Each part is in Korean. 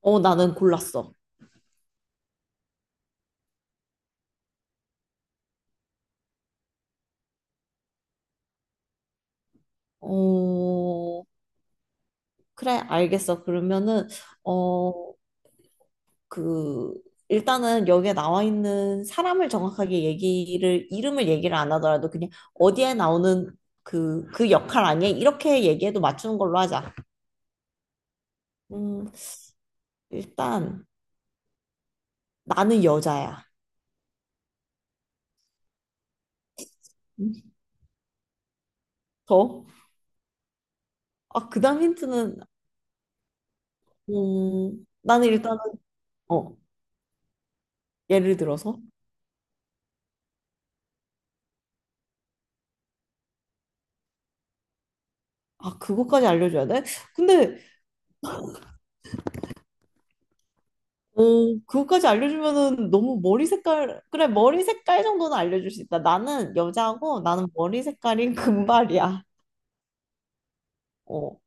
나는 골랐어. 어, 그래, 알겠어. 그러면은, 어, 그, 일단은 여기에 나와 있는 사람을 정확하게 얘기를, 이름을 얘기를 안 하더라도 그냥 어디에 나오는 그 역할 아니야? 이렇게 얘기해도 맞추는 걸로 하자. 음, 일단, 나는 여자야. 음, 더? 아, 그 다음 힌트는, 나는 일단은, 어, 예를 들어서? 아, 그것까지 알려줘야 돼? 근데 오, 그거까지 알려주면은 너무 머리 색깔, 그래, 머리 색깔 정도는 알려줄 수 있다. 나는 여자고 나는 머리 색깔이 금발이야. 어.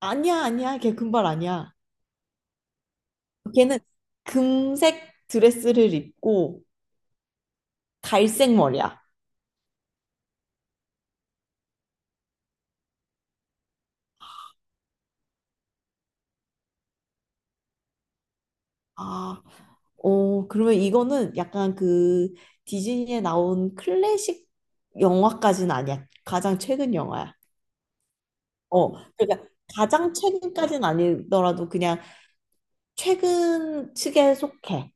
아니야. 걔 금발 아니야. 걔는 금색 드레스를 입고 갈색 머리야. 아, 어, 그러면 이거는 약간 그 디즈니에 나온 클래식 영화까지는 아니야. 가장 최근 영화야. 어, 그러니까 가장 최근까지는 아니더라도 그냥 최근 측에 속해.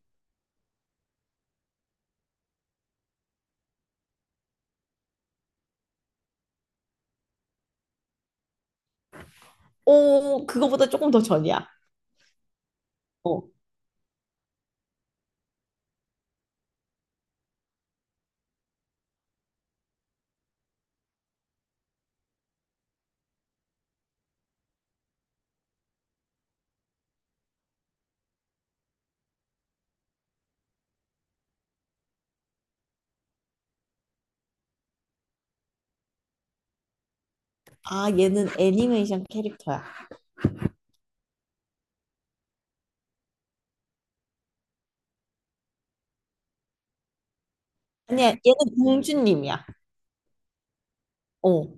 오, 그거보다 조금 더 전이야. 어. 아, 얘는 애니메이션 캐릭터야. 아니야, 얘는 공주님이야. 어.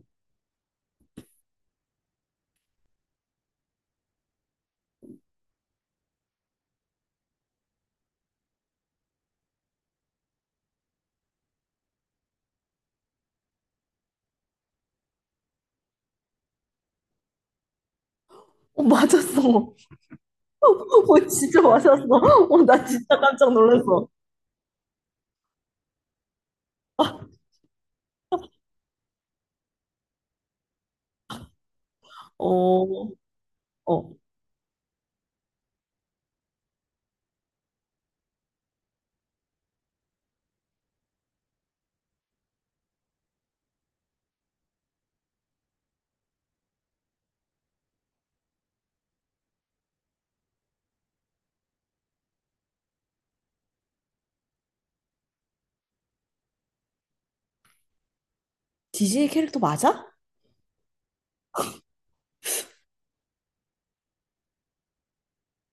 어, 맞았어. 어, 진짜 맞았어. 어, 나 진짜 깜짝 놀랐어. 어, 어. 디즈니 캐릭터 맞아?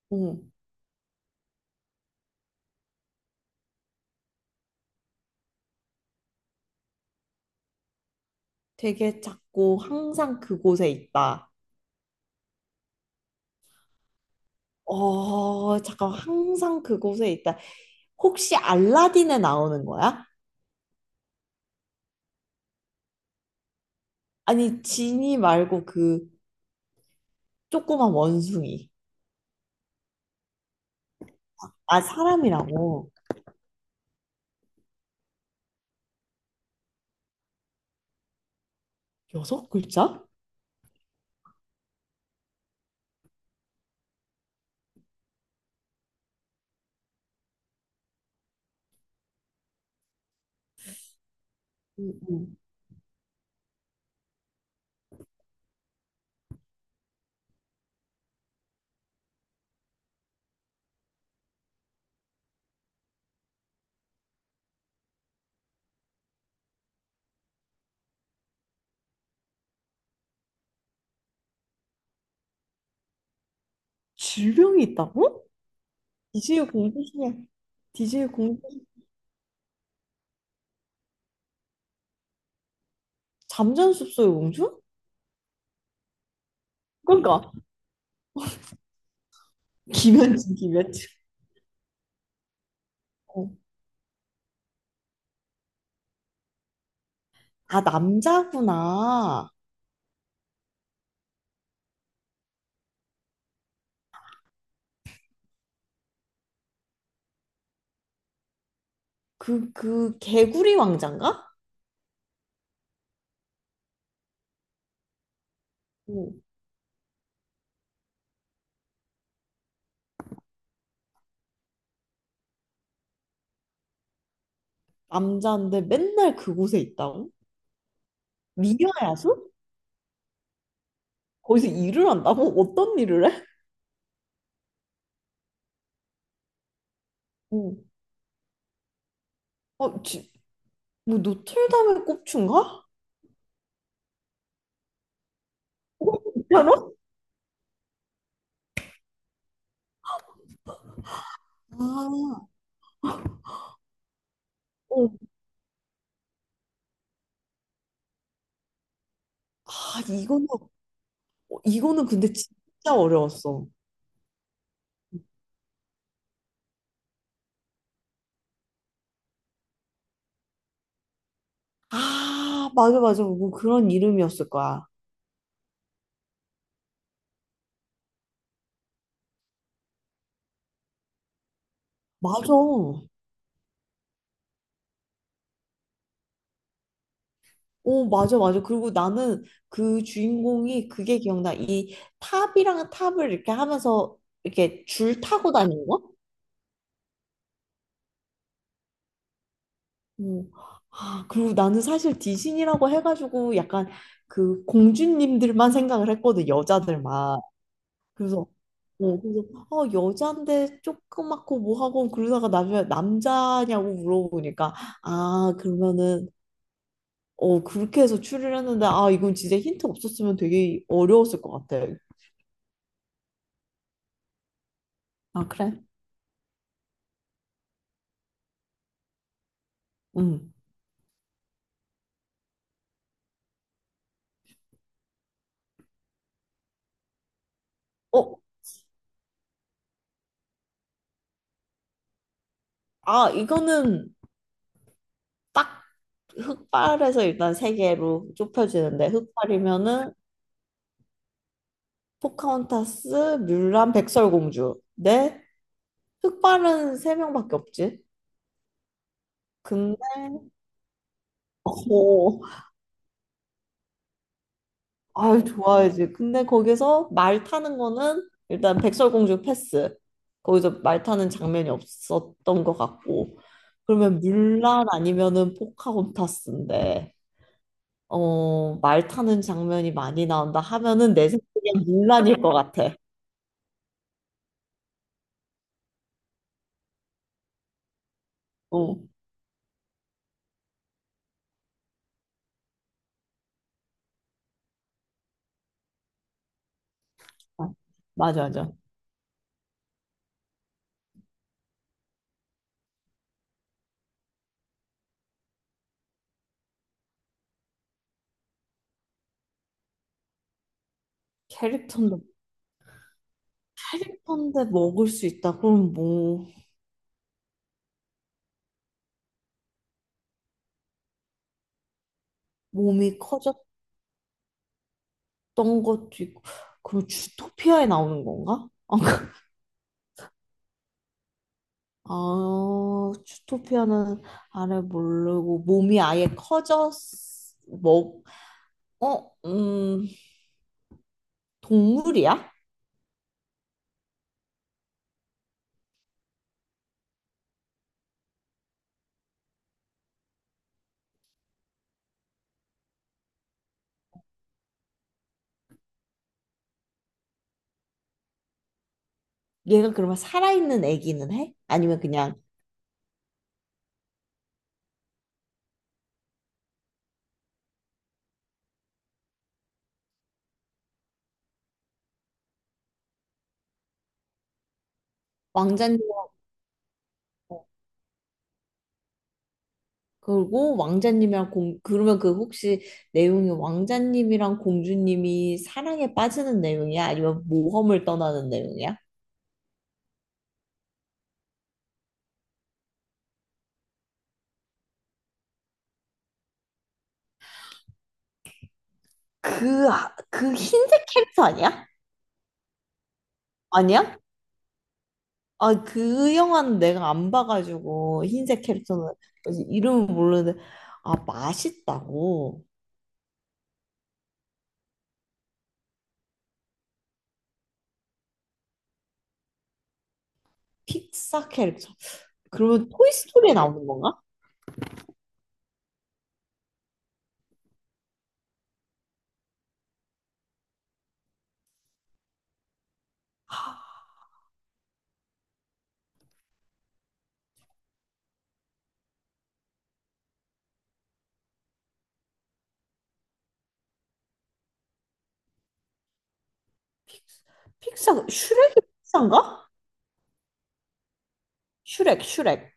어. 되게 작고 항상 그곳에 있다. 어, 잠깐, 항상 그곳에 있다. 혹시 알라딘에 나오는 거야? 아니, 지니 말고 그 조그만 원숭이. 아, 사람이라고. 여섯 글자? 음. 질병이 있다고? DJ의 공주 중에 DJ의 공주 잠자는 숲속의 공주? 그러니까 김현진 어. 아 남자구나. 그 개구리 왕자인가? 어, 남자인데 맨날 그곳에 있다고? 미녀야수? 거기서 일을 한다고? 어떤 일을 해? 어. 어, 지, 뭐 노틀담의 꼽춘가? 괜찮아? 아, 어. 아 이거는 어, 이거는 근데 진짜 어려웠어. 맞아. 뭐 그런 이름이었을 거야. 맞아. 오, 맞아. 그리고 나는 그 주인공이 그게 기억나. 이 탑이랑 탑을 이렇게 하면서 이렇게 줄 타고 다니는 거? 어. 아, 그리고 나는 사실 디신이라고 해가지고 약간 그 공주님들만 생각을 했거든, 여자들만. 그래서, 어, 그래서, 어, 여잔데 조그맣고 뭐하고 그러다가 나중에 남자냐고 물어보니까, 아, 그러면은 어, 그렇게 해서 추리를 했는데, 아, 이건 진짜 힌트 없었으면 되게 어려웠을 것 같아. 아, 그래? 응. 어, 아, 이거는 딱 흑발에서 일단 세 개로 좁혀지는데, 흑발이면은 포카혼타스, 뮬란, 백설공주. 네? 흑발은 세 명밖에 없지. 근데, 어, 아유, 좋아야지. 근데 거기서 말 타는 거는 일단 백설공주 패스. 거기서 말 타는 장면이 없었던 것 같고. 그러면 물란 아니면은 포카혼타스인데, 어, 말 타는 장면이 많이 나온다 하면은 내 생각엔 물란일 것 같아. 어, 아, 맞아. 캐릭터인데, 캐릭터인데 먹을 수 있다. 그럼 뭐, 몸이 커졌던 것도 있고, 그럼 주토피아에 나오는 건가? 아, 주토피아는 아래 모르고 몸이 아예 커졌 뭐, 어, 동물이야? 얘가 그러면 살아있는 애기는 해? 아니면 그냥 왕자님 그리고 왕자님이랑 공 그러면 그 혹시 내용이 왕자님이랑 공주님이 사랑에 빠지는 내용이야? 아니면 모험을 떠나는 내용이야? 그 흰색 캐릭터 아니야? 아니야? 아, 그 영화는 내가 안 봐가지고 흰색 캐릭터는 그래서 이름은 모르는데 아 맛있다고 픽사 캐릭터 그러면 토이스토리에 나오는 건가? 픽사 슈렉이 픽사인가? 슈렉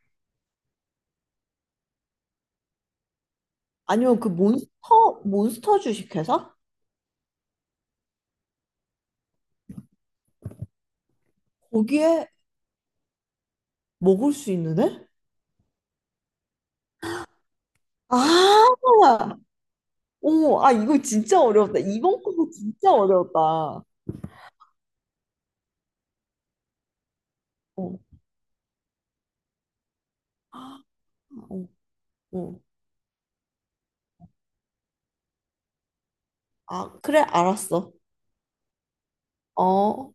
아니면 그 몬스터 주식회사? 거기에 먹을 수 있는 애? 아, 어머, 아 이거 진짜 어려웠다. 이번 거 진짜 어려웠다. 어, 아, 어, 어. 아 그래 알았어. 어.